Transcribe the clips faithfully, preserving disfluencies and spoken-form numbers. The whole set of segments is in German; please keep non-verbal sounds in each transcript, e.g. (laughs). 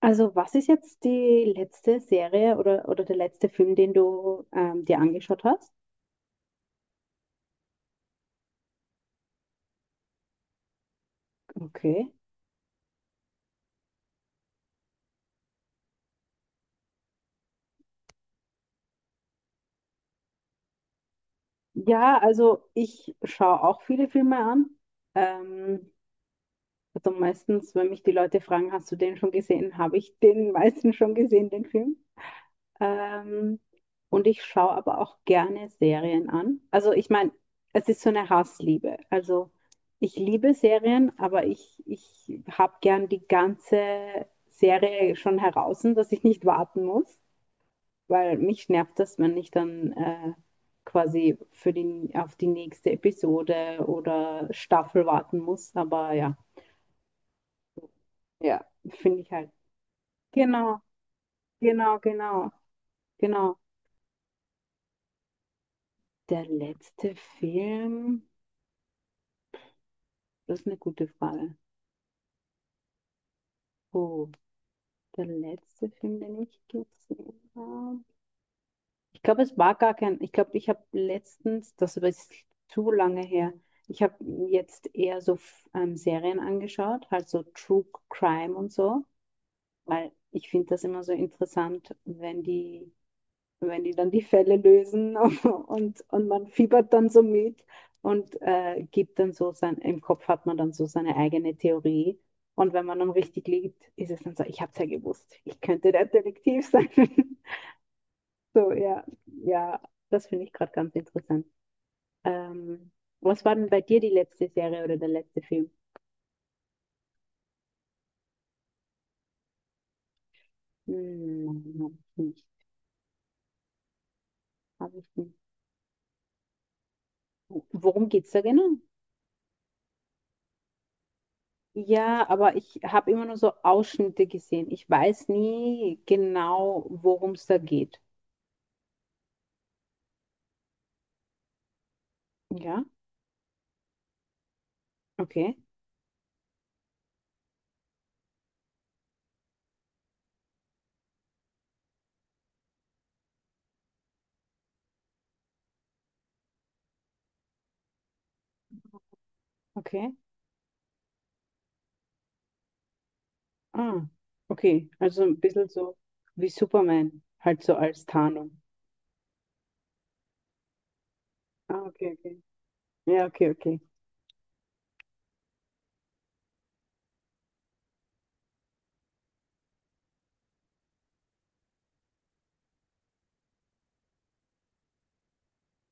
Also, was ist jetzt die letzte Serie oder, oder der letzte Film, den du ähm, dir angeschaut hast? Okay. Ja, also ich schaue auch viele Filme an. Ähm, also meistens, wenn mich die Leute fragen, hast du den schon gesehen, habe ich den meisten schon gesehen, den Film. Ähm, und ich schaue aber auch gerne Serien an. Also ich meine, es ist so eine Hassliebe. Also ich liebe Serien, aber ich, ich habe gern die ganze Serie schon heraus, dass ich nicht warten muss, weil mich nervt das, wenn ich dann äh, quasi für die, auf die nächste Episode oder Staffel warten muss. Aber ja, ja, finde ich halt. Genau, genau, genau, genau. Der letzte Film. Das ist eine gute Frage. Oh, der letzte Film, den ich gesehen habe. Ich glaube, es war gar kein. Ich glaube, ich habe letztens, das aber ist zu lange her, ich habe jetzt eher so ähm, Serien angeschaut, halt so True Crime und so, weil ich finde das immer so interessant, wenn die wenn die dann die Fälle lösen (laughs) und, und man fiebert dann so mit und äh, gibt dann so sein, im Kopf hat man dann so seine eigene Theorie. Und wenn man dann richtig liegt, ist es dann so, ich habe es ja gewusst, ich könnte der Detektiv sein. (laughs) So, ja, ja, das finde ich gerade ganz interessant. Ähm, Was war denn bei dir die letzte Serie oder der letzte Film? Hm, hab ich nicht. Worum geht es da genau? Ja, aber ich habe immer nur so Ausschnitte gesehen. Ich weiß nie genau, worum es da geht. Ja, okay, okay. Ah, okay. Also ein bisschen so wie Superman, halt so als Tarnung. Ah, okay, okay. Ja, okay, okay.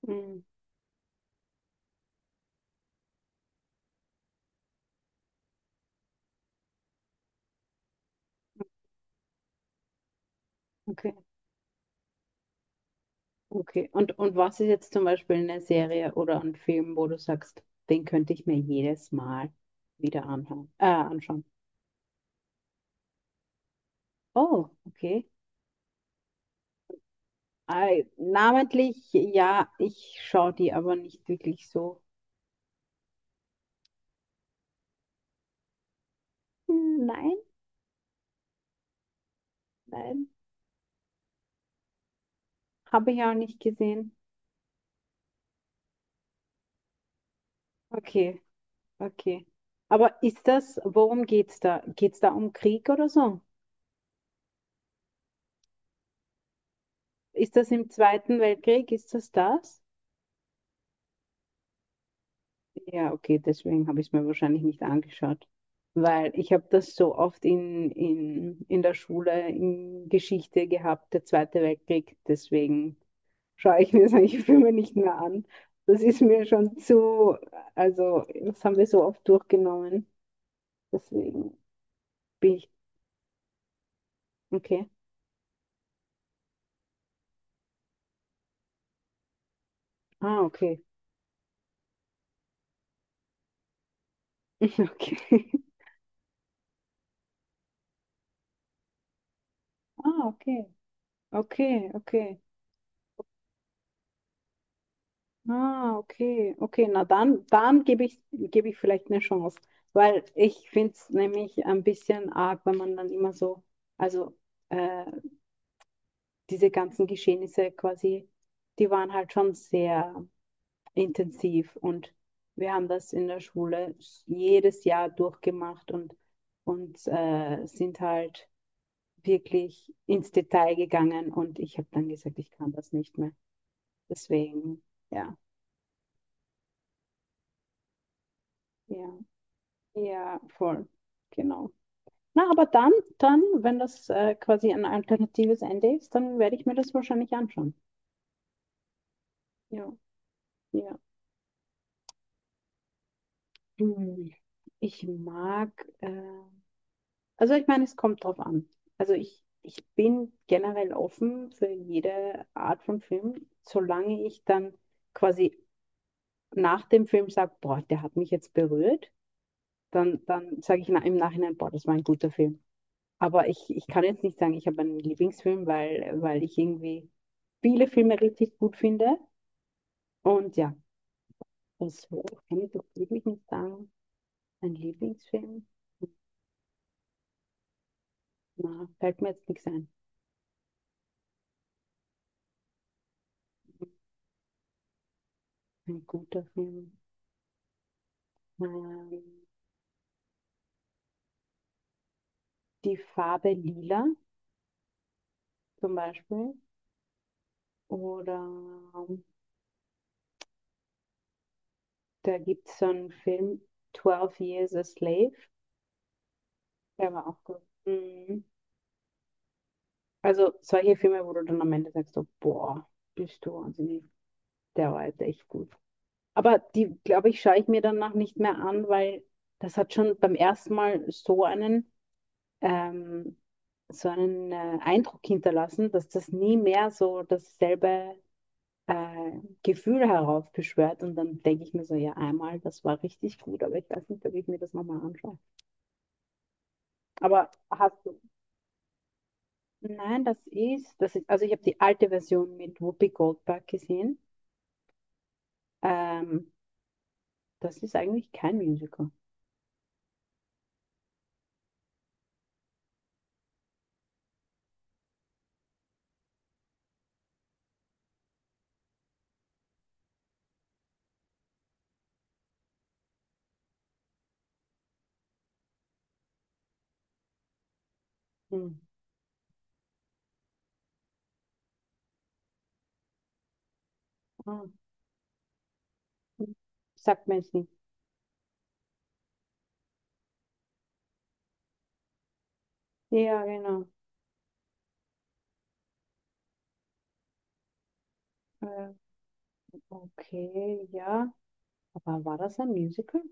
Mm, okay, okay. Und, und was ist jetzt zum Beispiel eine Serie oder ein Film, wo du sagst, den könnte ich mir jedes Mal wieder anhören, äh, anschauen? Oh, okay. Äh, namentlich, ja, ich schaue die aber nicht wirklich so. Hm, nein, nein, habe ich auch nicht gesehen. Okay, okay. Aber ist das, worum geht's da? Geht's da um Krieg oder so? Ist das im Zweiten Weltkrieg? Ist das das? Ja, okay, deswegen habe ich es mir wahrscheinlich nicht angeschaut, weil ich habe das so oft in, in, in der Schule in Geschichte gehabt, der Zweite Weltkrieg. Deswegen schaue (laughs) ich mir solche Filme nicht mehr an. Das ist mir schon zu, also das haben wir so oft durchgenommen. Deswegen bin ich, okay. Ah, okay. (laughs) Okay. Ah, okay. Okay, okay. Ah, okay. Okay, na dann, dann gebe ich, gebe ich vielleicht eine Chance. Weil ich finde es nämlich ein bisschen arg, wenn man dann immer so, also äh, diese ganzen Geschehnisse quasi, die waren halt schon sehr intensiv. Und wir haben das in der Schule jedes Jahr durchgemacht und, und äh, sind halt wirklich ins Detail gegangen. Und ich habe dann gesagt, ich kann das nicht mehr. Deswegen, ja, ja, ja, voll. Genau. Na, aber dann, dann, wenn das äh, quasi ein alternatives Ende ist, dann werde ich mir das wahrscheinlich anschauen. Ja, ja. Hm. Ich mag äh, Also ich meine, es kommt drauf an. Also ich, ich bin generell offen für jede Art von Film, solange ich dann quasi nach dem Film sage, boah, der hat mich jetzt berührt, dann, dann sage ich na- im Nachhinein, boah, das war ein guter Film. Aber ich, ich kann jetzt nicht sagen, ich habe einen Lieblingsfilm, weil, weil ich irgendwie viele Filme richtig gut finde. Und ja, das kann ich doch wirklich nicht sagen. Ein Lieblingsfilm? Na, fällt mir jetzt nichts ein. Ein guter Film. Nein. Die Farbe Lila zum Beispiel. Oder ähm, da gibt es so einen Film, zwölf Years a Slave. Der war auch gut. Mhm. Also solche Filme, wo du dann am Ende sagst, so, boah, bist du wahnsinnig. Der war jetzt echt gut. Aber die, glaube ich, schaue ich mir danach nicht mehr an, weil das hat schon beim ersten Mal so einen, ähm, so einen äh, Eindruck hinterlassen, dass das nie mehr so dasselbe äh, Gefühle heraufbeschwört und dann denke ich mir so, ja, einmal, das war richtig gut, aber ich weiß nicht, ob ich mir das nochmal anschaue. Aber hast du, nein, das ist, das ist, also ich habe die alte Version mit Whoopi Goldberg gesehen. Ähm, Das ist eigentlich kein Musical. Hm. Ah, hm. Sagt mir jetzt nicht. Ja, genau. Äh, okay, ja. Aber war das ein Musical?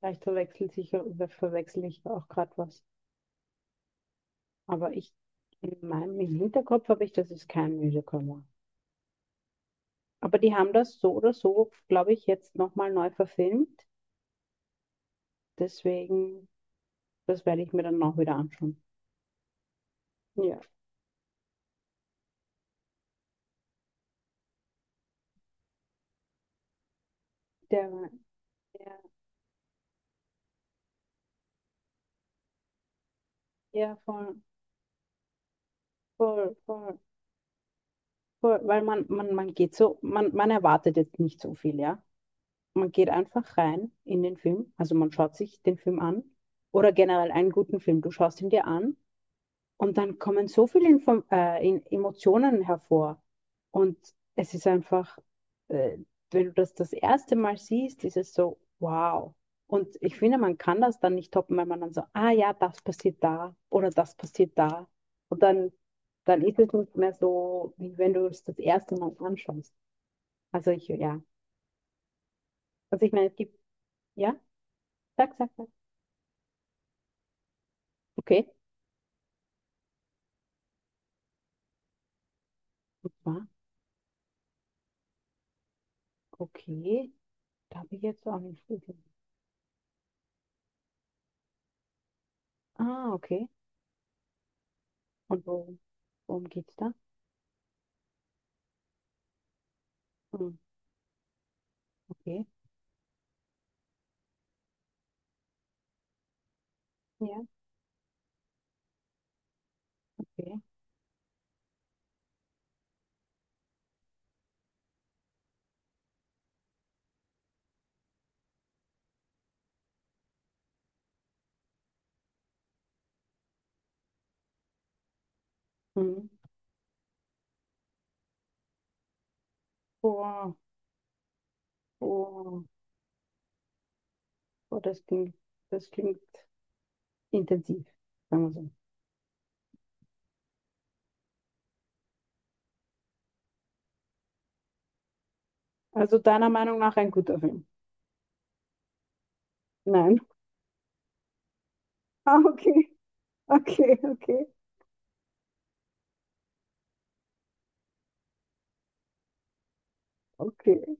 Vielleicht verwechselt sich, ja, verwechsel ich auch gerade was. Aber ich, in meinem im Hinterkopf habe ich, dass es kein Musical war. Aber die haben das so oder so, glaube ich, jetzt nochmal neu verfilmt. Deswegen, das werde ich mir dann auch wieder anschauen. Ja, der war, ja, ja, voll, voll, voll, voll. Weil man, man, man geht so, man, man erwartet jetzt nicht so viel, ja. Man geht einfach rein in den Film. Also man schaut sich den Film an. Oder generell einen guten Film. Du schaust ihn dir an und dann kommen so viele Info äh, in Emotionen hervor. Und es ist einfach, äh, wenn du das das erste Mal siehst, ist es so, wow. Und ich finde, man kann das dann nicht toppen, weil man dann so, ah ja, das passiert da oder das passiert da. Und dann, dann ist es nicht mehr so, wie wenn du es das erste Mal anschaust. Also ich, ja. Also ich meine, es gibt, ja, sag, sag, sag. Okay. Und zwar, okay, da habe ich jetzt so einen Vogel. Ah, okay. Und worum, worum geht's da? Hm, okay, ja. Okay. Hm. Boah, boah, boah, das klingt, das klingt intensiv, sagen wir so. Also deiner Meinung nach ein guter Film? Nein. (laughs) Ah, okay, okay, okay, okay.